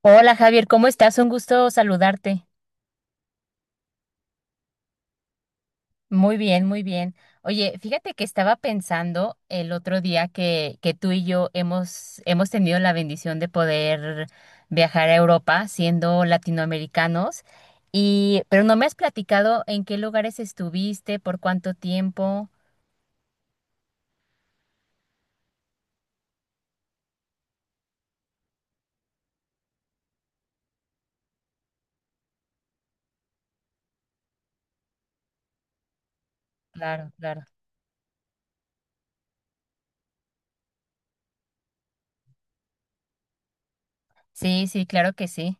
Hola Javier, ¿cómo estás? Un gusto saludarte. Muy bien, muy bien. Oye, fíjate que estaba pensando el otro día que tú y yo hemos tenido la bendición de poder viajar a Europa siendo latinoamericanos, y, pero no me has platicado en qué lugares estuviste, por cuánto tiempo. Claro, claro. Sí, sí, claro que sí.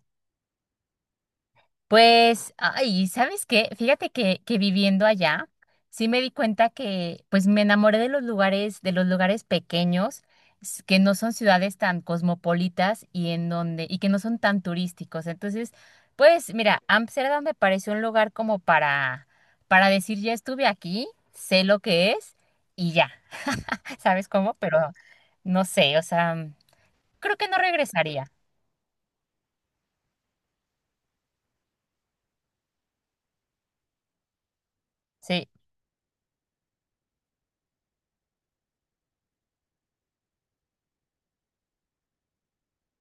Pues, ay, ¿sabes qué? Fíjate que viviendo allá, sí me di cuenta que, pues, me enamoré de los lugares pequeños, que no son ciudades tan cosmopolitas y en donde, y que no son tan turísticos. Entonces, pues, mira, Ámsterdam me pareció un lugar como para decir, ya estuve aquí, sé lo que es y ya, ¿sabes cómo? Pero no sé, o sea, creo que no regresaría. Sí,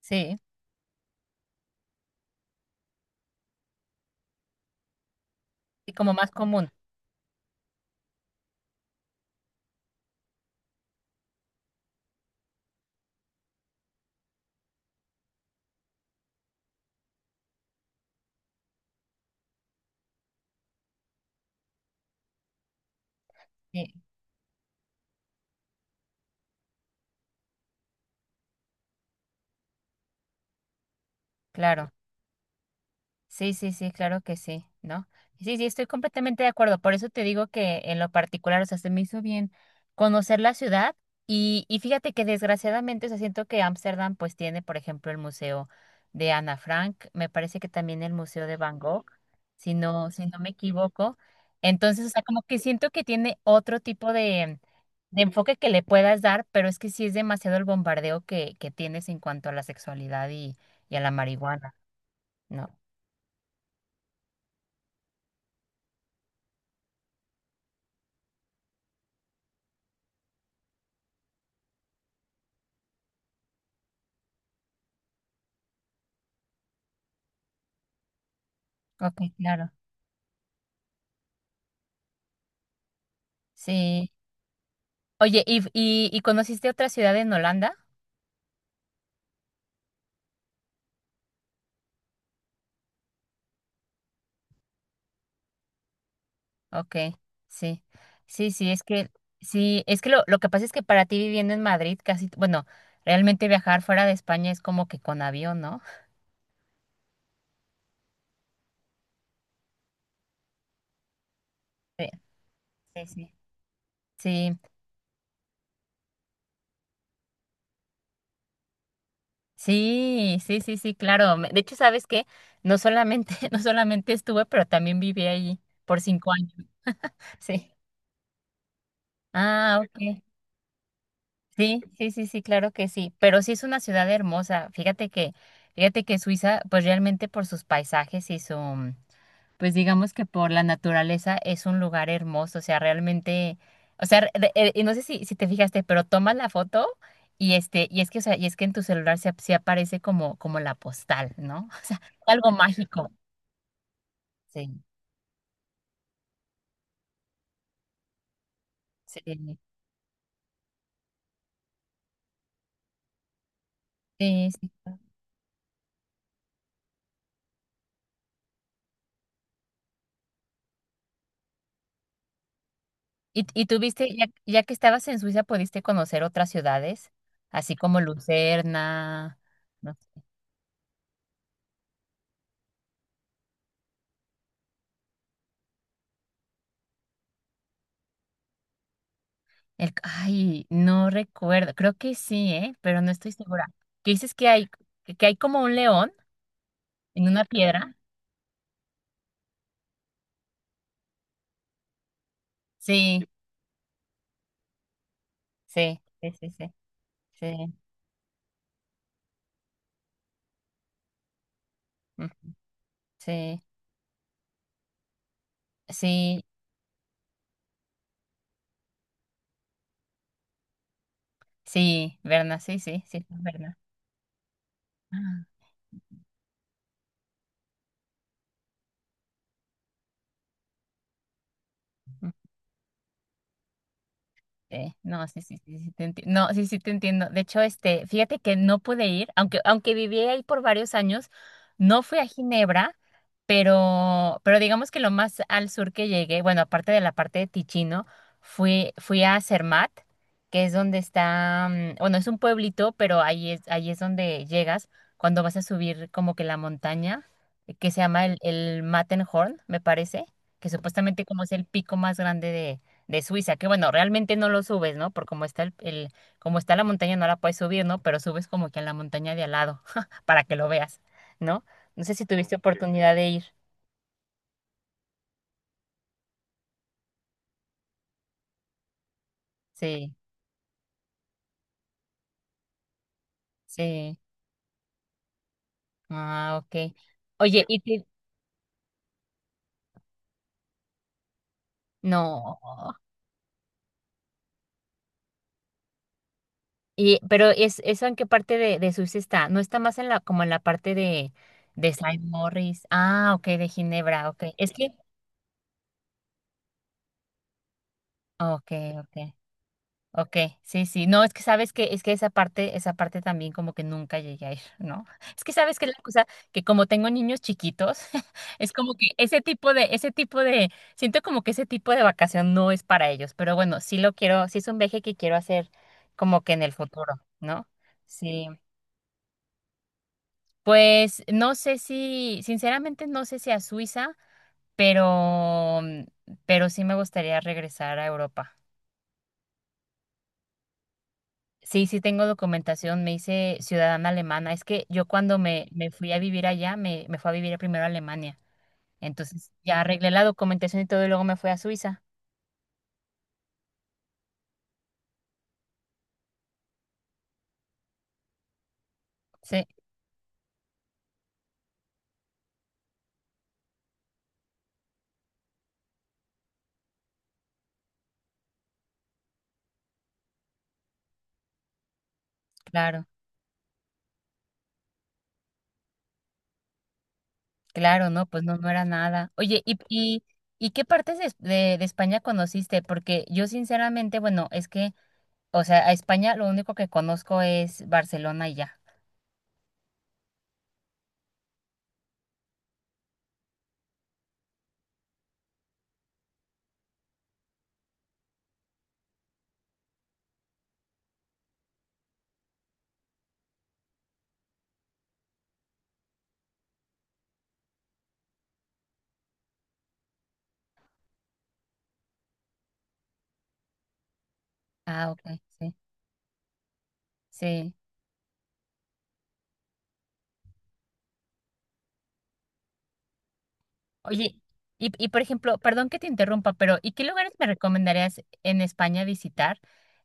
sí, y como más común. Sí, claro. Sí, sí, sí, claro que sí, ¿no? Sí, sí, estoy completamente de acuerdo. Por eso te digo que en lo particular, o sea, se me hizo bien conocer la ciudad y fíjate que desgraciadamente, o sea, siento que Ámsterdam pues tiene, por ejemplo, el museo de Ana Frank, me parece que también el museo de Van Gogh, si no, si no me equivoco. Entonces, o sea, como que siento que tiene otro tipo de enfoque que le puedas dar, pero es que sí es demasiado el bombardeo que tienes en cuanto a la sexualidad y a la marihuana, ¿no? Ok, claro. Sí. Oye, y conociste otra ciudad en Holanda? Ok, sí. Sí, sí, es que lo que pasa es que para ti viviendo en Madrid, casi, bueno, realmente viajar fuera de España es como que con avión, ¿no? Sí, sí, sí. Sí, sí, sí, sí, sí, claro. De hecho, ¿sabes qué? No solamente, no solamente estuve, pero también viví allí por 5 años. Sí. Ah, ok. Sí, sí, sí, sí, claro que sí, pero sí es una ciudad hermosa. Fíjate que Suiza, pues realmente por sus paisajes y su, pues digamos que por la naturaleza es un lugar hermoso, o sea, realmente, o sea, y no sé si, si te fijaste, pero tomas la foto y este, y es que, o sea, y es que en tu celular se aparece como, como la postal, ¿no? O sea, algo mágico. Sí, sí, sí, sí. Y tuviste, ya, ya que estabas en Suiza, pudiste conocer otras ciudades, así como Lucerna, no sé, el, ay, no recuerdo, creo que sí, ¿eh? Pero no estoy segura. ¿Qué dices que hay, que hay como un león en una piedra? Sí, sí, sí, sí, sí, sí, mm, sí, sí, sí, Berna, sí, sí, sí, Berna. Ah, mm. No, sí, sí, sí, sí, No, sí, sí, te entiendo. De hecho, este, fíjate que no pude ir, aunque, aunque viví ahí por varios años, no fui a Ginebra, pero digamos que lo más al sur que llegué, bueno, aparte de la parte de Ticino, fui a Zermatt, que es donde está, mm, bueno, es un pueblito, pero ahí es donde llegas cuando vas a subir como que la montaña, que se llama el Matterhorn, me parece, que supuestamente como es el pico más grande de Suiza, que bueno, realmente no lo subes, ¿no? Por cómo está como está la montaña no la puedes subir, ¿no? Pero subes como que a la montaña de al lado, para que lo veas, ¿no? No sé si tuviste Ok. oportunidad de ir. Sí, sí. Ah, ok. Oye, no. Y, pero es, ¿eso en qué parte de Suiza está? ¿No está más en la, como en la parte de Saint Moritz? Ah, ok, de Ginebra, ok. Es que, ok, ok. Ok, sí, sí. No, es que sabes que, es que esa parte también como que nunca llegué a ir, ¿no? Es que sabes que la cosa, que como tengo niños chiquitos, es como que ese tipo de, siento como que ese tipo de vacación no es para ellos, pero bueno, sí lo quiero, sí es un viaje que quiero hacer como que en el futuro, ¿no? Sí. Pues no sé si, sinceramente no sé si a Suiza, pero, pero sí me gustaría regresar a Europa. Sí, sí tengo documentación, me hice ciudadana alemana. Es que yo cuando me fui a vivir allá, me fui a vivir primero a Alemania. Entonces ya arreglé la documentación y todo y luego me fui a Suiza. Sí, claro, claro, no, pues no, no era nada. Oye, y qué partes de España conociste? Porque yo sinceramente, bueno, es que, o sea, a España lo único que conozco es Barcelona y ya. Ah, ok, sí, sí. Oye, y por ejemplo, perdón que te interrumpa, pero ¿y qué lugares me recomendarías en España visitar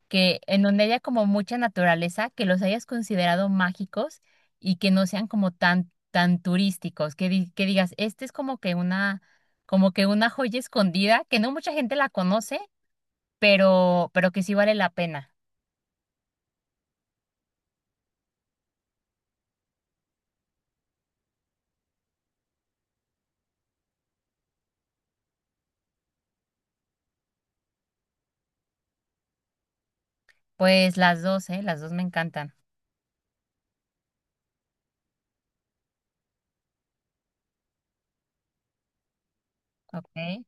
que en donde haya como mucha naturaleza, que los hayas considerado mágicos y que no sean como tan tan turísticos, que digas, este es como que una joya escondida que no mucha gente la conoce, pero que sí vale la pena. Pues las dos me encantan. Okay,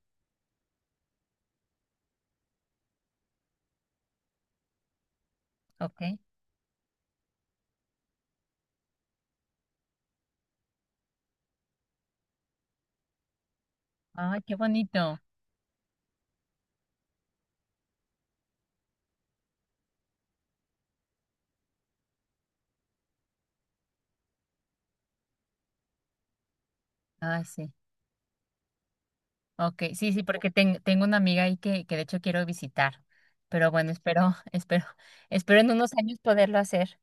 okay. Ay, qué bonito. Ah, sí. Ok, sí, sí, porque tengo una amiga ahí que de hecho quiero visitar, pero bueno, espero, espero, espero en unos años poderlo hacer.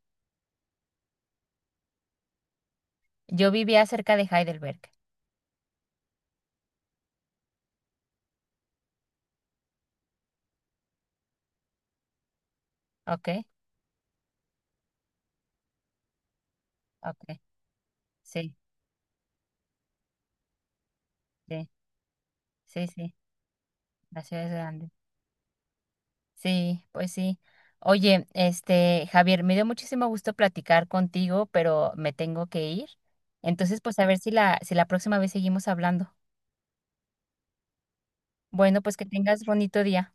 Yo vivía cerca de Heidelberg, ok, ok, sí, sí, sí, sí, la ciudad es grande. Sí, pues sí. Oye, este, Javier, me dio muchísimo gusto platicar contigo, pero me tengo que ir. Entonces, pues a ver si la, si la próxima vez seguimos hablando. Bueno, pues que tengas bonito día.